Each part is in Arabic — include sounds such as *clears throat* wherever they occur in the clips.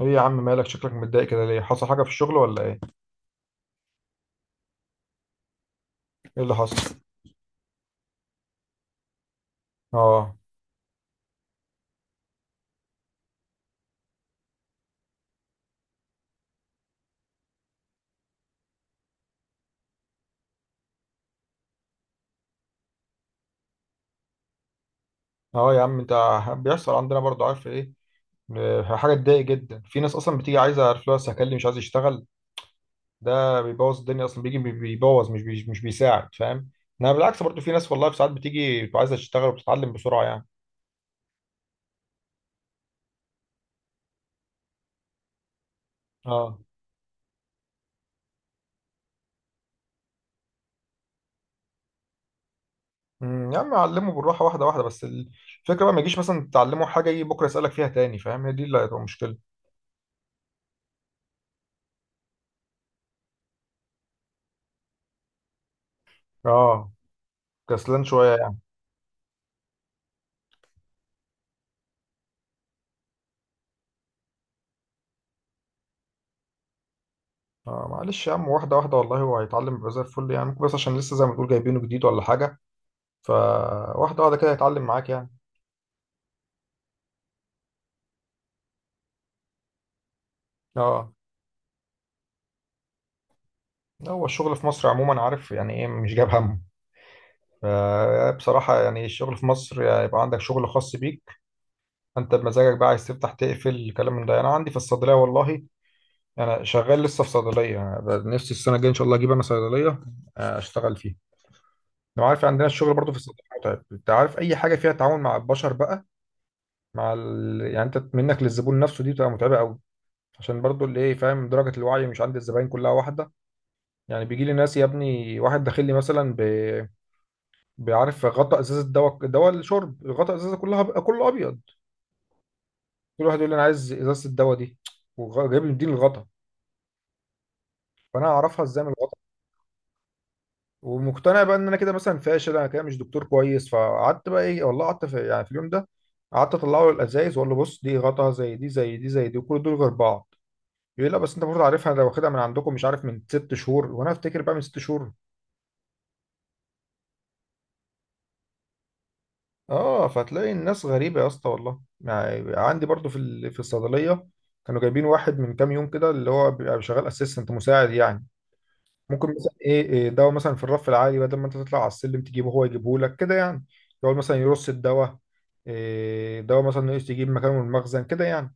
ايه يا عم، مالك؟ شكلك متضايق كده ليه؟ حصل حاجه في الشغل ولا ايه؟ ايه اللي حصل؟ اه، اه يا عم انت بيحصل عندنا برضه، عارف ايه؟ حاجه تضايق جدا، في ناس اصلا بتيجي عايزه، عارف، لو هكلم مش عايز يشتغل. ده بيبوظ الدنيا اصلا، بيجي بيبوظ، مش بيساعد، فاهم؟ انا بالعكس برضه في ناس، والله في ساعات بتيجي بتبقى عايزه تشتغل وبتتعلم بسرعه يعني. اه. يا عم علمه بالراحه واحده واحده، بس الفكره بقى ما يجيش مثلا تعلمه حاجه يجي بكره يسالك فيها تاني، فاهم؟ هي دي اللي هتبقى مشكله. اه، كسلان شويه. آه معلش يا عم، واحدة واحدة والله هو هيتعلم يبقى زي الفل يعني، ممكن بس عشان لسه زي ما تقول جايبينه جديد ولا حاجة. فواحدة واحدة كده هيتعلم معاك يعني. اه، هو الشغل في مصر عموما عارف يعني ايه، مش جايب همه. بصراحة يعني الشغل في مصر يعني يبقى عندك شغل خاص بيك، انت بمزاجك بقى عايز تفتح تقفل الكلام من ده. انا عندي في الصيدلية والله، انا شغال لسه في صيدلية. أنا نفسي السنة الجاية ان شاء الله اجيب انا صيدلية، اشتغل فيها. لو عارف عندنا الشغل برضو في الصيدلية متعب، انت عارف اي حاجة فيها تعاون مع البشر بقى، يعني انت منك للزبون نفسه دي بتبقى متعبه قوي. عشان برضو اللي ايه، فاهم؟ درجه الوعي مش عند الزباين كلها واحده. يعني بيجي لي ناس، يا ابني واحد داخل لي مثلا بعرف غطا ازازه دواء، دواء الشرب غطا ازازه كلها كله ابيض. كل واحد يقول لي انا عايز ازازه الدواء دي، وجايب لي مدين الغطا. فانا اعرفها ازاي من الغطا؟ ومقتنع بقى ان انا كده مثلا فاشل، انا كده مش دكتور كويس. فقعدت بقى ايه والله، قعدت يعني في اليوم ده قعدت اطلعه الازايز واقول له بص، دي غطا زي دي زي دي زي دي، كل دول غير بعض. يقول لا بس انت برضه عارفها، انا واخدها من عندكم مش عارف من ست شهور، وانا افتكر بقى من ست شهور. اه، فتلاقي الناس غريبه يا اسطى، والله يعني عندي برضه في الصيدليه كانوا جايبين واحد من كام يوم كده، اللي هو بيبقى شغال اسيستنت مساعد يعني. ممكن مثلا ايه، إيه دواء مثلا في الرف العالي بدل ما انت تطلع على السلم تجيبه هو يجيبه لك كده يعني، يقعد مثلا يرص الدواء، إيه دواء مثلا ناقص يجيب مكانه من المخزن كده يعني.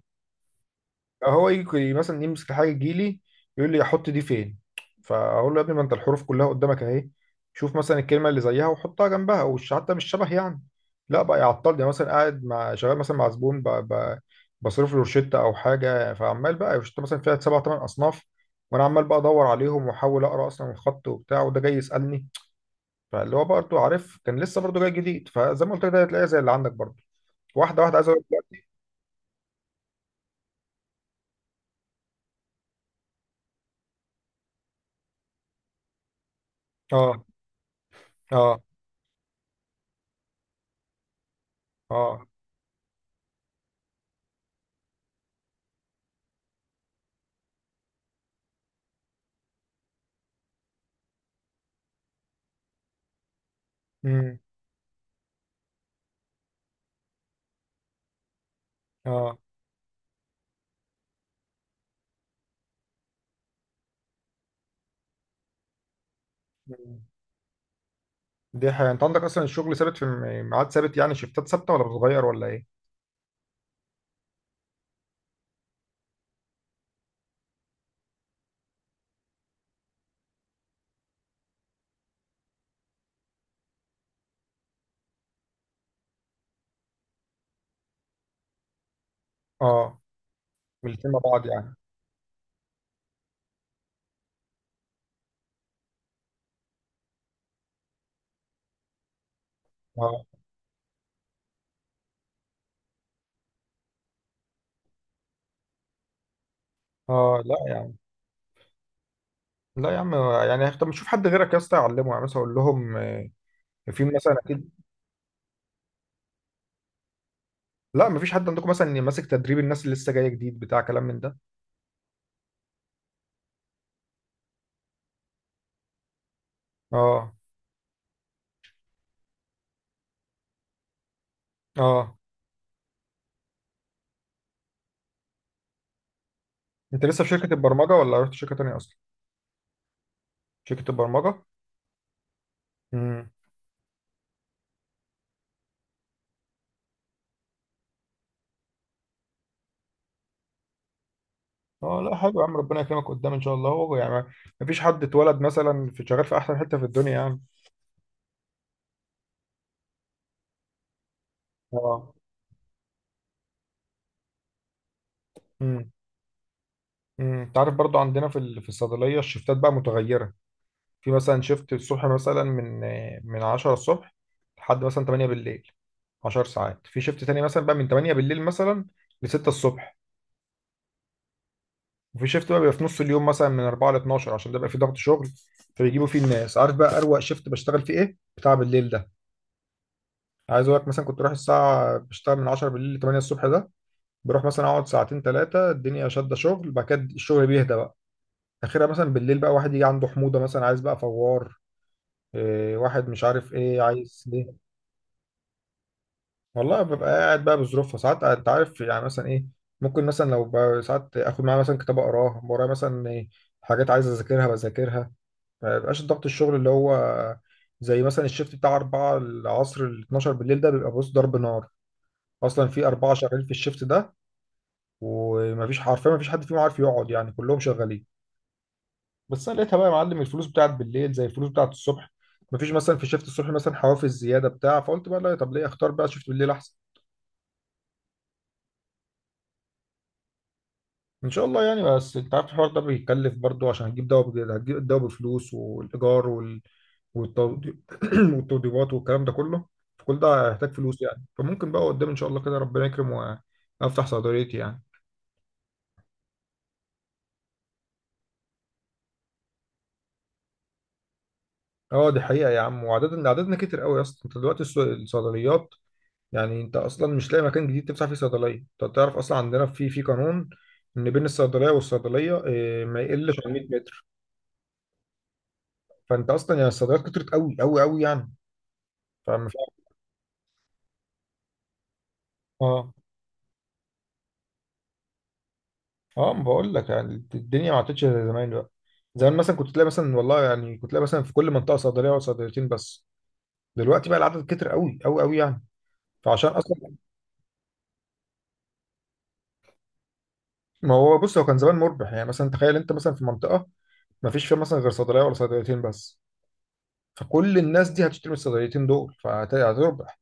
هو يجي مثلا يمسك حاجه تجيلي يقول لي احط دي فين؟ فاقول له يا ابني ما انت الحروف كلها قدامك اهي، شوف مثلا الكلمه اللي زيها وحطها جنبها وش حتى مش شبه يعني. لا بقى يعطلني مثلا قاعد مع شغال مثلا مع زبون بصرف له روشته او حاجه، فعمال بقى روشته مثلا فيها سبع ثمان اصناف، وانا عمال بقى ادور عليهم واحاول اقرا اصلا الخط وبتاع، وده جاي يسالني. فاللي هو برضه عارف كان لسه برضه جاي جديد، فزي ما قلت لك ده هتلاقيها زي اللي عندك برضه. واحده واحده عايز اقول لك دلوقتي. اه، اه، اه. امم. اه. مم. دي حقيقة، انت عندك اصلا الشغل ثابت في ميعاد ثابت يعني، شفتات ثابته ولا بتتغير ولا ايه؟ اه، ملتين مع بعض يعني. اه، اه لا يا عم، لا يا عم. يعني طب نشوف حد غيرك يا اسطى يعلمه، يعني مثلا اقول لهم في مثلا اكيد. لا مفيش حد عندكم مثلا إن ماسك تدريب الناس اللي لسه جايه جديد، بتاع كلام من ده. اه، اه. انت لسه في شركه البرمجه ولا رحت شركه تانيه اصلا؟ شركه البرمجه؟ امم. اه لا حلو يا عم، ربنا يكرمك قدام ان شاء الله، هو يعني مفيش حد اتولد مثلا في شغال في احسن حته في الدنيا يعني. اه. امم، انت عارف برضو عندنا في الصيدليه الشفتات بقى متغيره. في مثلا شفت الصبح مثلا من 10 الصبح لحد مثلا 8 بالليل، 10 ساعات. في شفت تاني مثلا بقى من 8 بالليل مثلا ل 6 الصبح. وفي شفت بقى بيبقى في نص اليوم مثلا من 4 ل 12، عشان ده بقى في ضغط شغل فبيجيبوا فيه الناس. عارف بقى اروق شفت بشتغل فيه ايه، بتاع بالليل ده. عايز اقول لك مثلا كنت رايح الساعه بشتغل من 10 بالليل ل 8 الصبح، ده بروح مثلا اقعد ساعتين ثلاثه الدنيا شاده شغل، بعد كده الشغل بيهدى. اخرها مثلا بالليل بقى واحد يجي عنده حموضه مثلا عايز بقى فوار، إيه واحد مش عارف ايه عايز ليه. والله ببقى قاعد بقى بظروفها ساعات، انت عارف يعني مثلا ايه، ممكن مثلا لو بقى ساعات اخد معايا مثلا كتاب اقراه ورايا مثلا إيه، حاجات عايز اذاكرها بذاكرها. ما بيبقاش ضغط الشغل اللي هو زي مثلا الشيفت بتاع 4 العصر ال 12 بالليل ده، بيبقى بص ضرب نار، اصلا في اربعه شغالين في الشيفت ده ومفيش حرفيا مفيش حد فيهم عارف يقعد يعني، كلهم شغالين. بس انا لقيتها بقى يا معلم، الفلوس بتاعت بالليل زي الفلوس بتاعت الصبح، مفيش مثلا في شيفت الصبح مثلا حوافز زياده بتاع، فقلت بقى لا طب ليه، اختار بقى شيفت بالليل احسن. ان شاء الله يعني، بس انت عارف الحوار ده بيكلف برضو، عشان هتجيب دواء بجد هتجيب الدواء بفلوس، والايجار والتوضي- *clears throat* والتوضيبات والكلام ده كله، فكل ده هيحتاج فلوس يعني. فممكن بقى قدام ان شاء الله كده ربنا يكرم وافتح صيدليتي يعني. اه دي حقيقه يا عم، وعددنا كتير قوي يا اسطى، انت دلوقتي الصيدليات يعني انت اصلا مش لاقي مكان جديد تفتح فيه صيدليه. انت تعرف اصلا عندنا في في قانون ان بين الصيدليه والصيدليه ما يقلش عن 100 متر. فانت اصلا يعني الصيدليات كترت قوي قوي قوي يعني، فاهم؟ اه، اه ما بقول لك يعني الدنيا ما عادتش زي زمان بقى. زمان مثلا كنت تلاقي مثلا والله يعني كنت تلاقي مثلا في كل منطقه صيدليه او صيدليتين بس، دلوقتي بقى العدد كتر قوي قوي قوي يعني. فعشان اصلا. ما هو بص هو كان زمان مربح يعني، مثلا تخيل انت مثلا في منطقه ما فيش فيها مثلا غير صيدليه ولا صيدليتين بس، فكل الناس دي هتشتري من الصيدليتين دول فهتربح.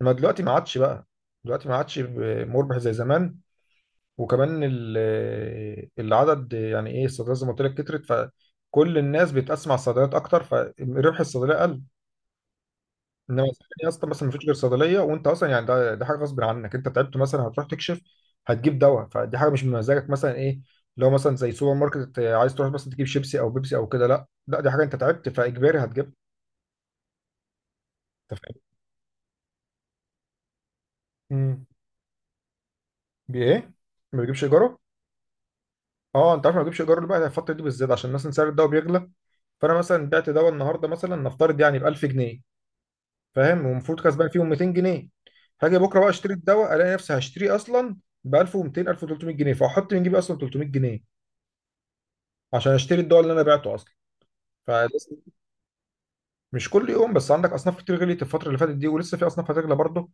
ما دلوقتي ما عادش بقى، دلوقتي ما عادش مربح زي زمان. وكمان العدد يعني ايه الصيدليات زي ما قلت لك كترت، فكل الناس بتقسم على الصيدليات اكتر، فربح الصيدليه قل. انما زمان يا اسطى مثلا ما فيش غير صيدليه، وانت اصلا يعني ده حاجه غصب عنك انت تعبت، مثلا هتروح تكشف هتجيب دواء، فدي حاجه مش من مزاجك مثلا ايه. لو مثلا زي سوبر ماركت عايز تروح مثلا تجيب شيبسي او بيبسي او كده، لا لا دي حاجه انت تعبت فاجباري هتجيب، انت فاهم؟ امم، بايه؟ ما بيجيبش ايجاره؟ اه انت عارف، ما بجيبش ايجار بقى الفتره دي بالذات عشان مثلا سعر الدواء بيغلى. فانا مثلا بعت دواء النهارده مثلا نفترض يعني ب 1000 جنيه، فاهم؟ ومفروض كسبان فيهم 200 جنيه. هاجي بكره بقى اشتري الدواء الاقي نفسي هشتريه اصلا ب 1200، 1300 جنيه، فاحط من جيبي اصلا 300 جنيه عشان اشتري الدواء اللي انا بعته اصلا. فلسه. مش كل يوم بس، عندك اصناف كتير غليت الفتره اللي فاتت دي ولسه في اصناف هتغلى برضه،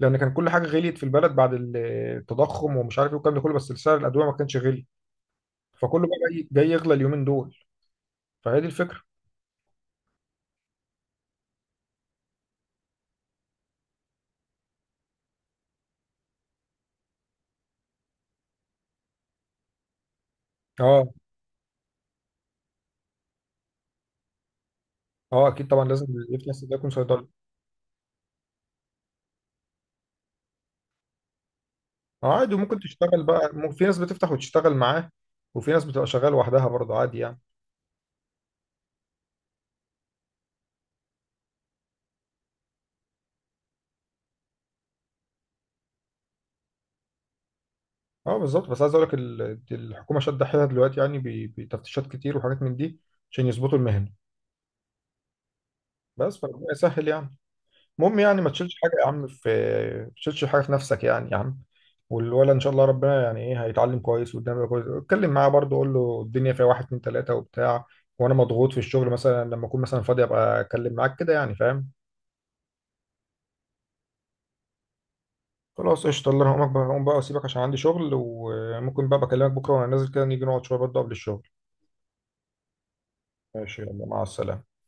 لان كان كل حاجه غليت في البلد بعد التضخم ومش عارف ايه والكلام ده كله، بس سعر الادويه ما كانش غلي. فكله بقى جاي جاي يغلى اليومين دول، فهي دي الفكره. اه، اه اكيد طبعا لازم اللي في ناس ده يكون صيدلي. اه عادي، وممكن تشتغل بقى في ناس بتفتح وتشتغل معاه، وفي ناس بتبقى شغاله لوحدها برضه عادي يعني. اه بالظبط، بس عايز اقول لك الحكومه شادة حيلها دلوقتي يعني بتفتيشات كتير وحاجات من دي عشان يظبطوا المهنه، بس فربنا يسهل يعني. المهم يعني ما تشيلش حاجه يا عم في، ما تشيلش حاجه في نفسك يعني يا عم. والولد ان شاء الله ربنا يعني ايه هيتعلم كويس وقدامه يبقى كويس، اتكلم معاه برضه قول له الدنيا فيها واحد اتنين تلاته وبتاع، وانا مضغوط في الشغل مثلا لما اكون مثلا فاضي ابقى اكلم معاك كده يعني، فاهم؟ خلاص قشطة، الله أنا هقوم بقى، هقوم بقى أسيبك عشان عندي شغل، وممكن بقى بكلمك بكرة وأنا نازل كده نيجي نقعد شوية برضه قبل الشغل. ماشي، يلا مع السلامة.